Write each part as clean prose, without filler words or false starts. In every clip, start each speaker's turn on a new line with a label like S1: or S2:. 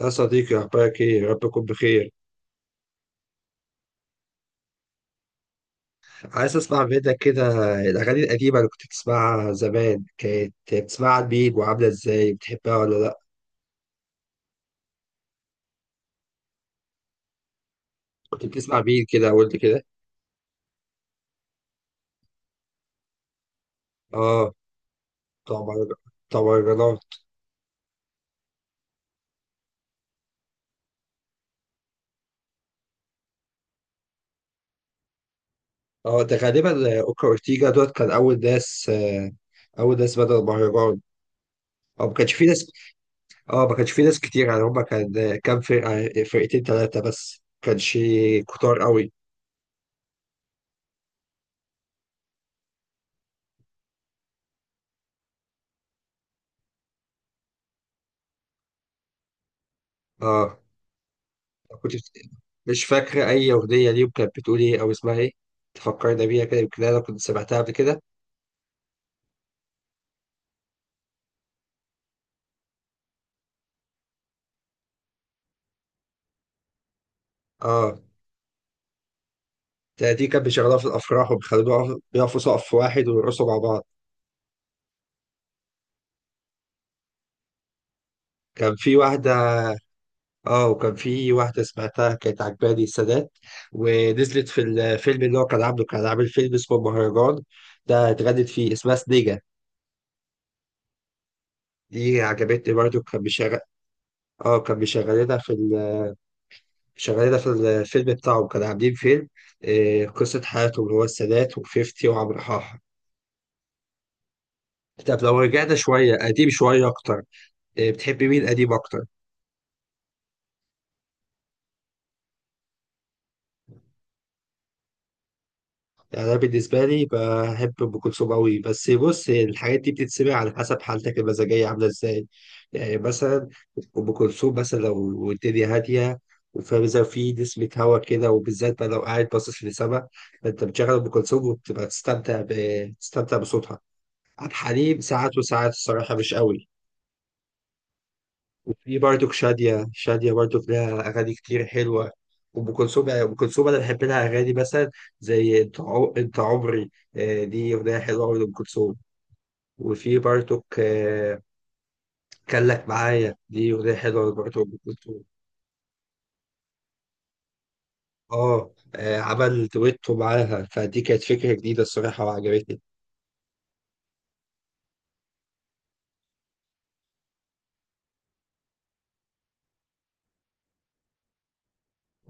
S1: يا صديقي، أخبارك إيه؟ يا رب تكون بخير. عايز أسمع منك كده. الأغاني القديمة اللي كنت بتسمعها زمان، كانت بتسمعها لمين وعاملة إزاي؟ بتحبها ولا لأ؟ كنت بتسمع مين كده؟ قول لي كده. آه، بتوع مهرج- بتوع مهرجانات. آه، ده غالبا أوكا أورتيجا دوت. كان أول ناس بدأ المهرجان. أو ما كانش في ناس آه ما كانش في ناس كتير. يعني هما كان كام فرقة؟ فرقتين تلاتة بس، ما كانش كتار أوي. آه. كنت بت- مش فاكرة أي أغنية ليهم، كانت بتقول إيه أو اسمها إيه؟ تفكرنا بيها كده، يمكن أنا كنت سمعتها قبل كده. آه، دي كانت بيشغلوها في الأفراح، وبيخلوها بيقفوا سقف واحد ويرقصوا مع بعض. كان في واحدة آه وكان في واحدة سمعتها كانت عجباني، السادات. ونزلت في الفيلم اللي هو كان عامل فيلم اسمه مهرجان، ده اتغنت فيه، اسمها سنيجة. دي عجبتني برضه. كان بيشغلنا في شغال ده في الفيلم بتاعه. كانوا عاملين فيلم، قصة حياتهم، اللي هو السادات وفيفتي وعمرو حاحة. طب لو رجعنا شوية قديم، شوية أكتر، بتحبي مين قديم أكتر؟ يعني أنا بالنسبة لي بحب أم كلثوم أوي، بس بص، الحاجات دي بتتسمع على حسب حالتك المزاجية عاملة إزاي. يعني مثلا، أم كلثوم مثلا لو الدنيا هادية، وفاهم إزاي، في نسمة هوا كده، وبالذات بقى لو قاعد باصص للسما، فأنت بتشغل أم كلثوم وبتبقى تستمتع بصوتها. عبد الحليم ساعات وساعات، الصراحة مش قوي. وفي برضك شادية برضك لها أغاني كتير حلوة. وأم كلثوم، يعني أم كلثوم أنا بحب لها أغاني، مثلا زي أنت عمري. دي أغنية حلوة أوي لأم كلثوم. وفي برضك كان لك معايا، دي أغنية حلوة برضه لأم كلثوم. آه، عمل دويتو معاها، فدي كانت فكرة جديدة الصراحة، وعجبتني.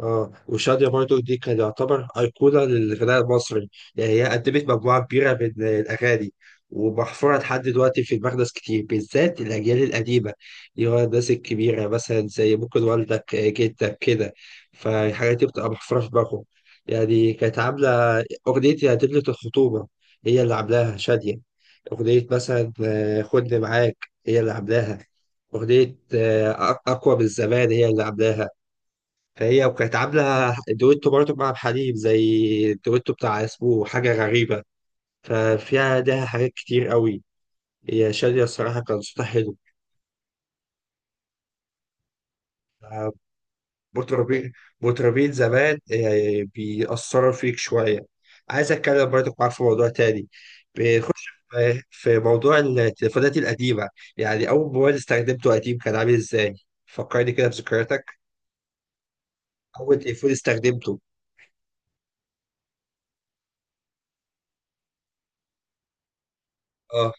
S1: اه، وشادية برضو دي كان يعتبر أيقونة للغناء المصري. يعني هي قدمت مجموعة كبيرة من الأغاني، ومحفورة لحد دلوقتي في دماغ ناس كتير، بالذات الأجيال القديمة، اللي هو الناس الكبيرة مثلا، زي ممكن والدك، جدك كده، فالحاجات دي بتبقى محفورة في دماغهم. يعني كانت عاملة أغنية يا دبلة الخطوبة، هي اللي عاملاها شادية. أغنية مثلا خدني معاك، هي اللي عاملاها. أغنية أقوى من الزمان، هي اللي عاملاها. فهي وكانت عاملة دويتو برضه مع حليم، زي الدويتو بتاع اسمه حاجة غريبة. ففيها لها حاجات كتير قوي. هي شادية الصراحة كان صوتها حلو. مطربين مطربين زمان، بيأثروا فيك شوية. عايز أتكلم برضه معاك في موضوع تاني. بنخش في موضوع التليفونات القديمة. يعني أول موبايل استخدمته قديم، كان عامل إزاي؟ فكرني كده بذكرياتك. أول تليفون استخدمته؟ آه.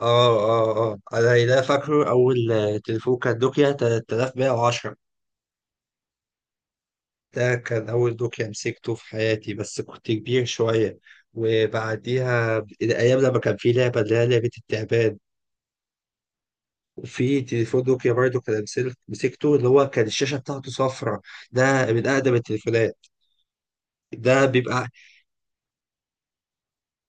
S1: اه انا ده فاكره. اول تليفون كان نوكيا 3110. ده كان اول نوكيا مسكته في حياتي، بس كنت كبير شويه. وبعديها الايام لما كان في لعبه، اللي هي لعبه التعبان، وفي تليفون نوكيا برضه كان مسكته، اللي هو كان الشاشه بتاعته صفرة. ده من اقدم التليفونات. ده بيبقى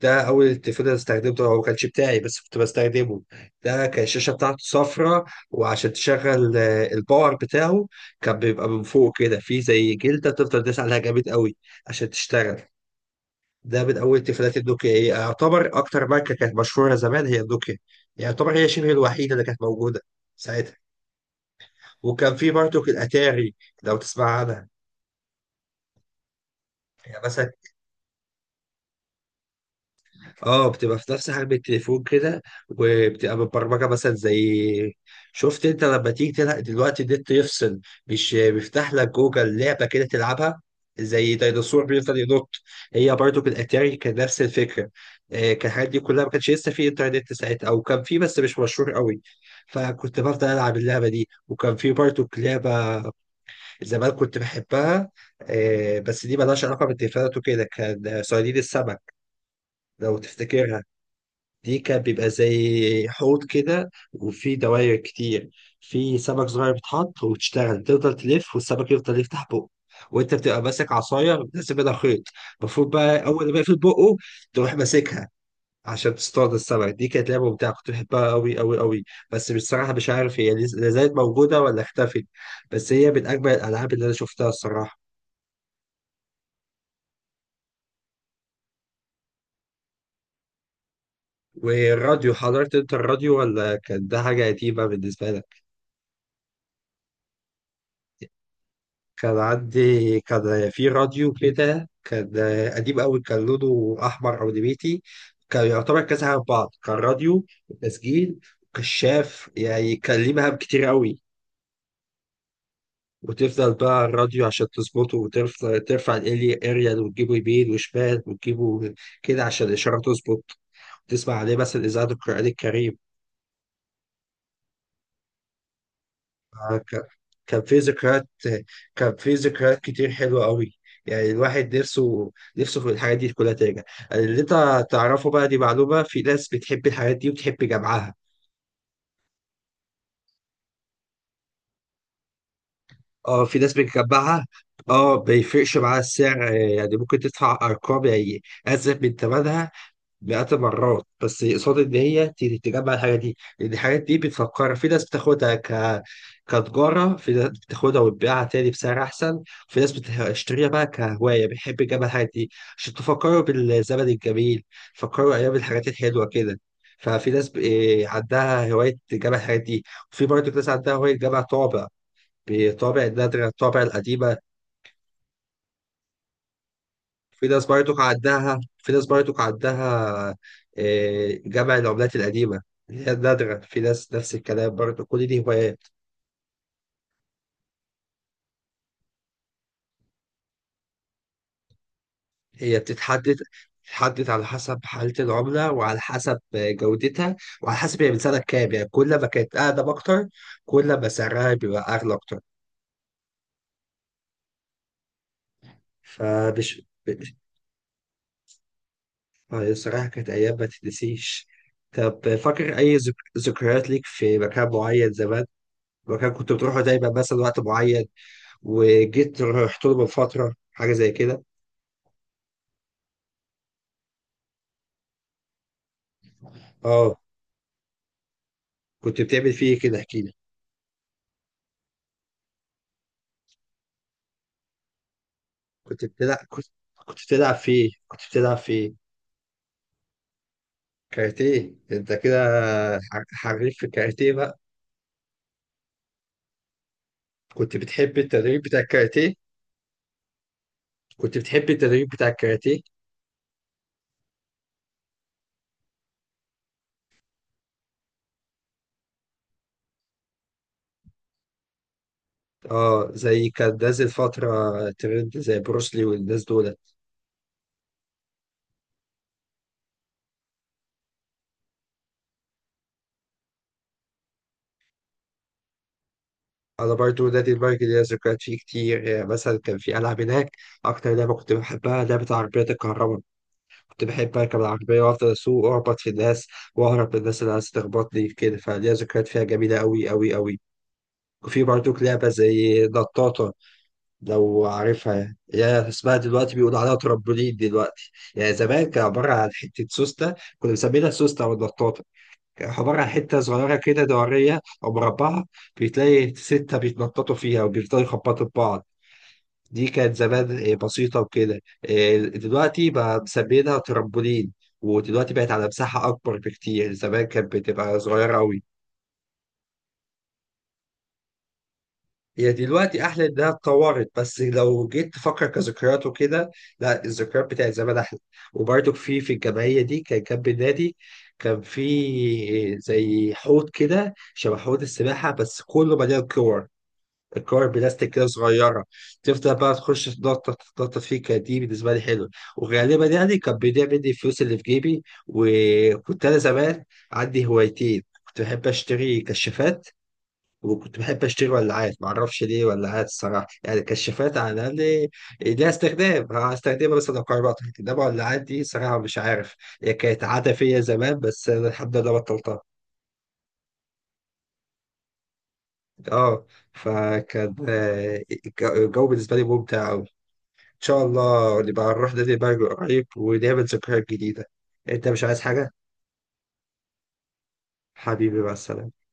S1: ده اول التليفون اللي استخدمته، هو ما كانش بتاعي بس كنت بستخدمه. ده كان الشاشه بتاعته صفراء. وعشان تشغل الباور بتاعه، كان بيبقى من فوق كده في زي جلده، تفضل تدوس عليها جامد قوي عشان تشتغل. ده من اول التليفونات. النوكيا هي يعتبر اكتر ماركه كانت مشهوره زمان، هي النوكيا. يعتبر هي شبه الوحيده اللي كانت موجوده ساعتها. وكان في برضه الاتاري، لو تسمع عنها. يعني مثلا، اه، بتبقى في نفس حجم التليفون كده، وبتبقى مبرمجه، مثلا زي، شفت انت لما تيجي تلعب دلوقتي، النت يفصل، مش بيفتح لك جوجل لعبه كده تلعبها، زي ديناصور بيفضل ينط. هي برضو بالاتاري كان نفس الفكره. كان الحاجات دي كلها ما كانش لسه في انترنت ساعتها، او كان في بس مش مشهور قوي. فكنت بفضل العب اللعبه دي. وكان في برضو لعبه زمان كنت بحبها، بس دي ملهاش علاقه بالتليفونات وكده، كان صيادين السمك، لو تفتكرها. دي كان بيبقى زي حوض كده، وفي دواير كتير، في سمك صغير بيتحط، وتشتغل تفضل تلف، والسمك يفضل يفتح بقه، وانت بتبقى ماسك عصايه لازم منها خيط، المفروض بقى اول ما يقفل بقه تروح ماسكها عشان تصطاد السمك. دي كانت لعبه ممتعه، كنت بحبها قوي قوي قوي. بس بصراحه مش عارف هي لا زالت موجوده ولا اختفت. بس هي من اجمل الالعاب اللي انا شفتها الصراحه. والراديو، حضرت انت الراديو؟ ولا كان ده حاجه قديمه بالنسبه لك؟ كان في راديو كده، كان قديم قوي، كان لونه احمر او نبيتي. كان يعتبر كذا حاجه في بعض، كان راديو وتسجيل وكشاف، يعني كان ليه مهام كتير قوي. وتفضل بقى الراديو عشان تظبطه، وترفع الاريال، وتجيبه يمين وشمال، وتجيبه كده عشان الاشاره تظبط. تسمع عليه مثلا اذاعه القران الكريم. آه، ك- كان في ذكريات كتير حلوة قوي. يعني الواحد نفسه، في الحاجات دي كلها ترجع. اللي انت تعرفه بقى، دي معلومة، في ناس بتحب الحاجات دي وبتحب جمعها. اه، في ناس بتجمعها. اه، ما يفرقش معاها السعر. يعني ممكن تدفع ارقام، يعني ازيد من ثمنها مئات المرات، بس قصاد ان هي تجمع الحاجه دي. لان الحاجات دي بتفكر، في ناس بتاخدها كتجاره، في ناس بتاخدها وتبيعها تاني بسعر احسن، في ناس بتشتريها بقى كهوايه، بيحب يجمع الحاجات دي عشان تفكروا بالزمن الجميل، تفكروا ايام الحاجات الحلوه كده. ففي ناس ب- إيه، عندها هوايه تجمع الحاجات دي. وفي برضه ناس عندها هوايه تجمع طابع، النادرة، الطابع القديمة. في ناس برضك عندها جمع العملات القديمة، اللي هي النادرة. في ناس نفس الكلام برضه، كل دي هوايات. هي بتتحدد على حسب حالة العملة، وعلى حسب جودتها، وعلى حسب هي من سنة كام. يعني كل ما كانت أقدم أكتر، كل ما سعرها بيبقى أغلى أكتر. فمش مش- آه، الصراحة كانت أيام ما تتنسيش. طب، فاكر أي ذكريات ليك في مكان معين زمان؟ مكان كنت بتروحه دايما مثلا، وقت معين، وجيت رحت له من فترة، حاجة زي كده. اه، كنت بتعمل فيه ايه كده؟ احكي لي. كنت بتلعب كنت كنت بتلعب فيه كاراتيه. انت كده حريف في الكاراتيه بقى؟ كنت بتحب التدريب بتاع الكاراتيه كنت بتحب التدريب بتاع الكاراتيه؟ اه، زي كان نازل فترة ترند زي بروسلي والناس دول. انا برضو نادي المرج ليا ذكريات فيه كتير. يعني مثلا كان في العاب هناك، اكتر لعبة كنت بحبها لعبة عربيات الكهرباء. كنت بحب أركب العربية وأفضل أسوق وأخبط في الناس، وأهرب من الناس اللي عايزة تخبطني كده، فليا ذكريات فيها جميلة أوي أوي أوي. وفي برضك لعبة زي نطاطة، لو عارفها. يا اسمها دلوقتي بيقولوا عليها ترامبولين دلوقتي. يعني زمان كان عبارة عن حتة سوستة، كنا بنسميها سوستة أو النطاطة. كان عبارة عن حتة صغيرة كده، دورية أو مربعة، بتلاقي ستة بيتنططوا فيها وبيفضلوا يخبطوا في بعض. دي كانت زمان بسيطة وكده. دلوقتي بقى مسمينها ترامبولين، ودلوقتي بقت على مساحة أكبر بكتير. زمان كانت بتبقى صغيرة أوي. هي دلوقتي أحلى إنها اتطورت، بس لو جيت تفكر كذكريات وكده، لا، الذكريات بتاعت زمان أحلى. وبرده في الجمعية دي كان جنب النادي، كان في زي حوض كده شبه حوض السباحة، بس كله مليان كور، الكور بلاستيك كده صغيره. تفضل بقى تخش تنطط تنطط فيه. كانت دي بالنسبه لي حلوه. وغالبا يعني كان بيضيع مني الفلوس اللي في جيبي. وكنت انا زمان عندي هوايتين، كنت بحب اشتري كشافات، وكنت بحب اشتري ولاعات. ما اعرفش ليه ولاعات الصراحه. يعني كشافات على الاقل ليها استخدام، هستخدمها مثلا لو قربت، انما ولاعات دي صراحه مش عارف. هي كانت عاده فيا زمان، بس أنا الحمد لله بطلتها. اه. فكان الجو بالنسبه لي ممتع. ان شاء الله نبقى نروح نادي البرج قريب ونعمل ذكريات جديدة. انت مش عايز حاجة؟ حبيبي، مع السلامة.